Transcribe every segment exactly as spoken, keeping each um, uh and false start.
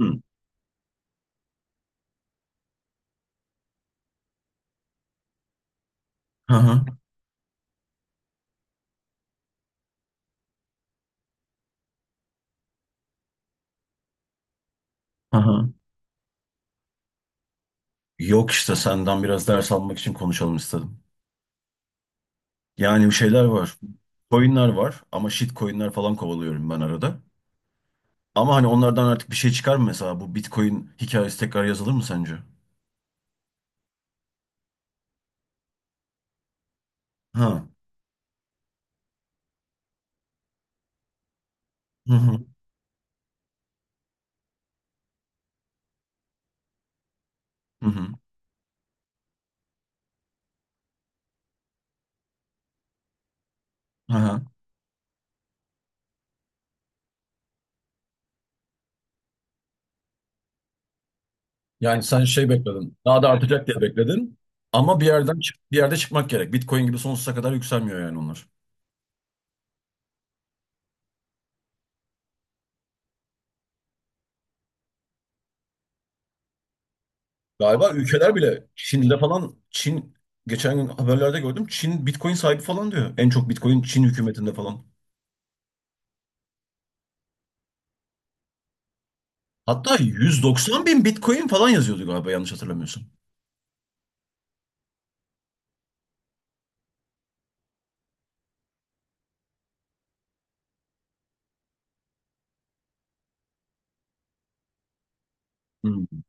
Hı. Hı hı. Hı hı. Yok işte senden biraz ders almak için konuşalım istedim. Yani bir şeyler var. Coin'ler var ama shit coin'ler falan kovalıyorum ben arada. Ama hani onlardan artık bir şey çıkar mı mesela? Bu Bitcoin hikayesi tekrar yazılır mı sence? Ha. Hı hı. Hı hı. Hı hı. Yani sen şey bekledin. Daha da artacak diye bekledin. Ama bir yerden çık- bir yerde çıkmak gerek. Bitcoin gibi sonsuza kadar yükselmiyor yani onlar. Galiba ülkeler bile Çin'de falan Çin geçen gün haberlerde gördüm. Çin Bitcoin sahibi falan diyor. En çok Bitcoin Çin hükümetinde falan. Hatta yüz doksan bin Bitcoin falan yazıyordu galiba yanlış hatırlamıyorsun. Hmm.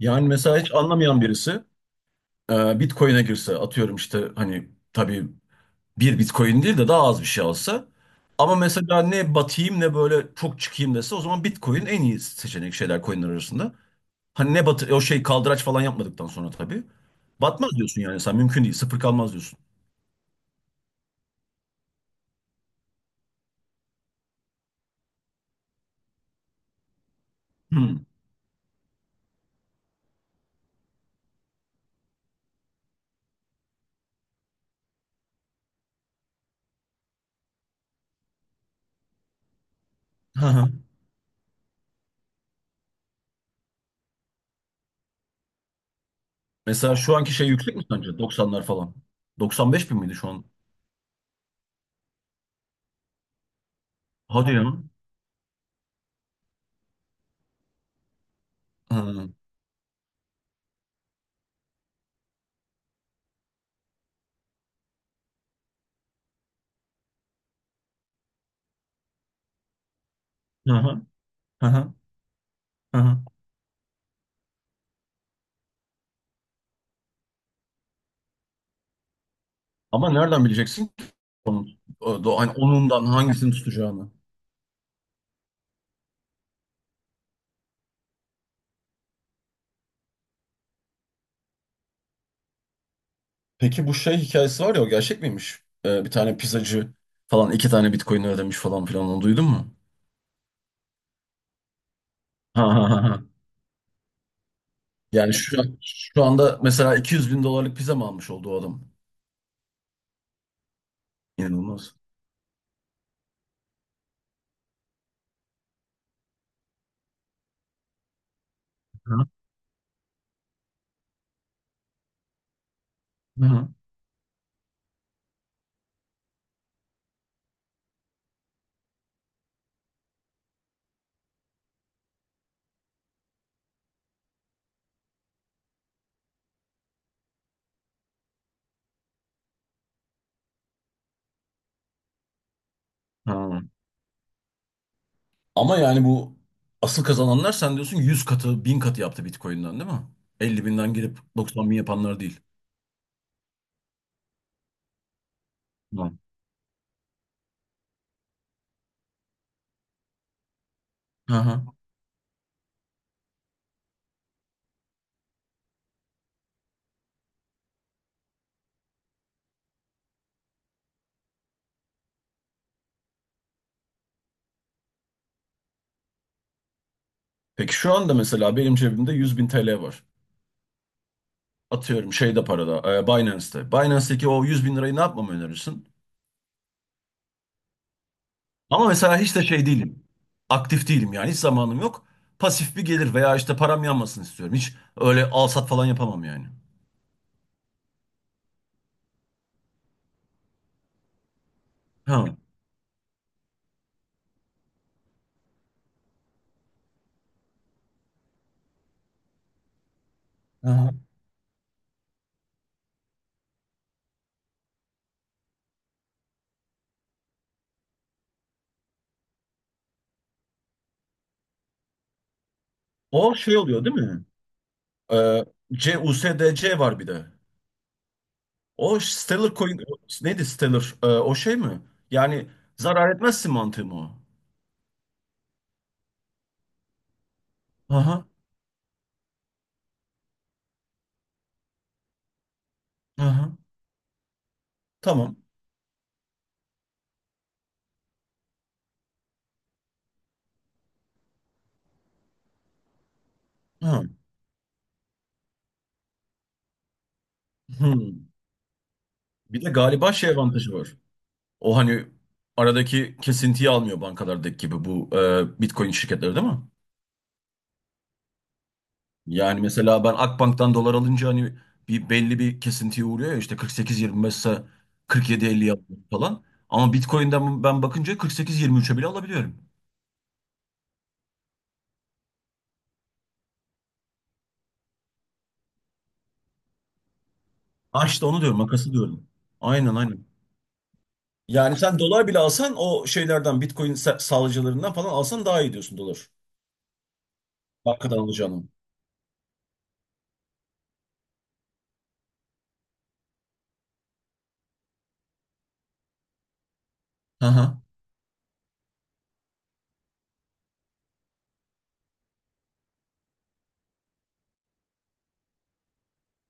Yani mesela hiç anlamayan birisi e, Bitcoin'e girse atıyorum işte hani tabii bir Bitcoin değil de daha az bir şey alsa ama mesela ne batayım ne böyle çok çıkayım dese o zaman Bitcoin en iyi seçenek şeyler coinler arasında. Hani ne batı o şey kaldıraç falan yapmadıktan sonra tabii. Batmaz diyorsun yani sen mümkün değil. Sıfır kalmaz diyorsun. Hmm. Hı hı. Mesela şu anki şey yüksek mi sence? Doksanlar falan. doksan beş bin miydi şu an? Hadi ya. Hı hı. Hı hı. Hı hı. Ama nereden bileceksin ki onun? O- do- Hani onundan hangisini tutacağını. Peki bu şey hikayesi var ya o gerçek miymiş? Ee, bir tane pizzacı falan iki tane Bitcoin ödemiş falan filan onu duydun mu? Ha ha ha. Ha. Yani şu, şu anda mesela iki yüz bin dolarlık pizza mı almış oldu o adam? İnanılmaz. Hı hı. Hı. Ha. Ama yani bu asıl kazananlar sen diyorsun yüz katı, bin katı yaptı Bitcoin'den değil mi? Elli binden girip doksan bin yapanlar değil. Hı. Hı hı. Peki şu anda mesela benim cebimde yüz bin T L var. Atıyorum şeyde parada, e, Binance'te. Binance'teki o yüz bin lirayı ne yapmamı önerirsin? Ama mesela hiç de şey değilim. Aktif değilim yani hiç zamanım yok. Pasif bir gelir veya işte param yanmasın istiyorum. Hiç öyle al sat falan yapamam yani. Ha. Hı. O şey oluyor değil mi? Ee, C, U S D C var bir de. O Stellar Coin neydi Stellar? Ee, o şey mi? Yani zarar etmezsin mantığı mı o? Aha, aha, tamam. Ha, hmm. Bir de galiba şey avantajı var. O hani aradaki kesintiyi almıyor bankalardaki gibi bu e, Bitcoin şirketleri değil mi? Yani mesela ben Akbank'tan dolar alınca hani bir belli bir kesintiye uğruyor ya işte kırk sekiz virgül yirmi beş ise kırk yedi virgül elli yapıyor falan. Ama Bitcoin'den ben bakınca kırk sekiz virgül yirmi üçe bile alabiliyorum. Ha işte onu diyorum makası diyorum. Aynen aynen. Yani sen dolar bile alsan o şeylerden Bitcoin sa- sağlayıcılarından falan alsan daha iyi diyorsun dolar. Hakikaten alacağını. Hı hı.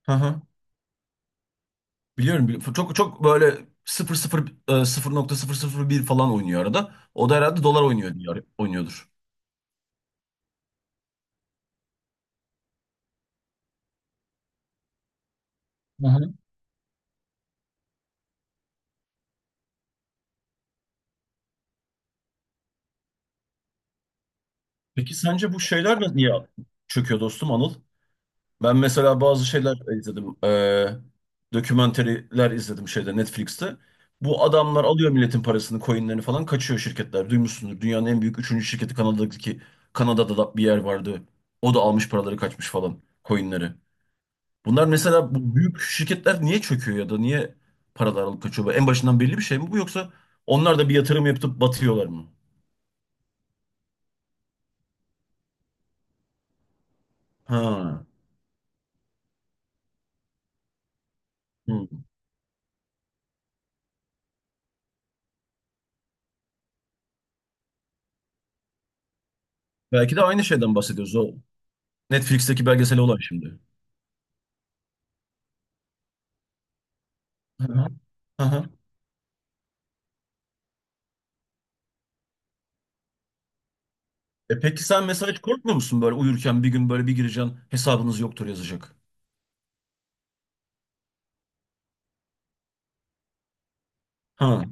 Hı hı. Biliyorum, biliyorum. Çok çok böyle sıfır sıfır e, sıfır nokta sıfır sıfır bir falan oynuyor arada. O da herhalde dolar oynuyor diye oynuyordur. Hı hı. Peki sence bu şeyler niye çöküyor dostum Anıl? Ben mesela bazı şeyler izledim. Ee, dokümenteriler izledim şeyde Netflix'te. Bu adamlar alıyor milletin parasını, coinlerini falan kaçıyor şirketler. Duymuşsundur. Dünyanın en büyük üçüncü şirketi Kanada'daki Kanada'da da bir yer vardı. O da almış paraları kaçmış falan coinleri. Bunlar mesela bu büyük şirketler niye çöküyor ya da niye paralar alıp kaçıyor? Bu en başından belli bir şey mi bu yoksa onlar da bir yatırım yapıp batıyorlar mı? Ha. Hı. Belki de aynı şeyden bahsediyoruz o Netflix'teki belgesel olan şimdi. Hı hı. Hı hı. E peki sen mesela hiç korkmuyor musun böyle uyurken bir gün böyle bir gireceksin hesabınız yoktur yazacak. Ha.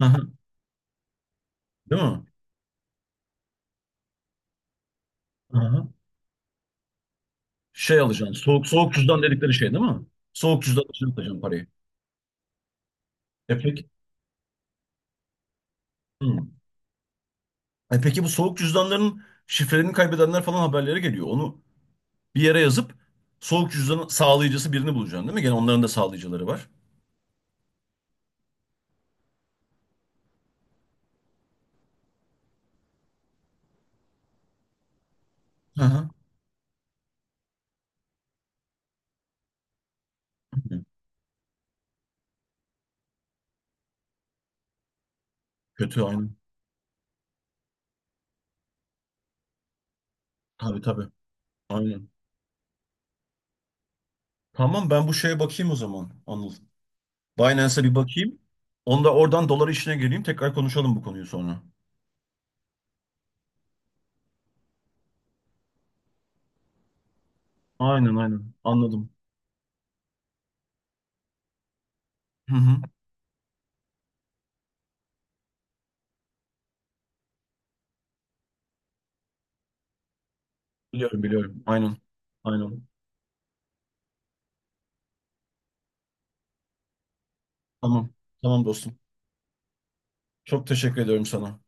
Aha. Değil mi? Aha. Şey alacaksın. Soğuk soğuk cüzdan dedikleri şey değil mi? Soğuk cüzdan için atacaksın parayı. E peki. Hı. E peki bu soğuk cüzdanların şifrelerini kaybedenler falan haberlere geliyor. Onu bir yere yazıp soğuk cüzdanın sağlayıcısı birini bulacaksın değil mi? Gene onların da sağlayıcıları var. Aha. Kötü aynen. Tabii tabii. Aynen. Tamam ben bu şeye bakayım o zaman Anıl. Binance'a bir bakayım. Onda oradan dolar işine geleyim. Tekrar konuşalım bu konuyu sonra. Aynen aynen. Anladım. Hı hı. Biliyorum biliyorum. Aynen. Aynen. Tamam. Tamam dostum. Çok teşekkür ediyorum sana.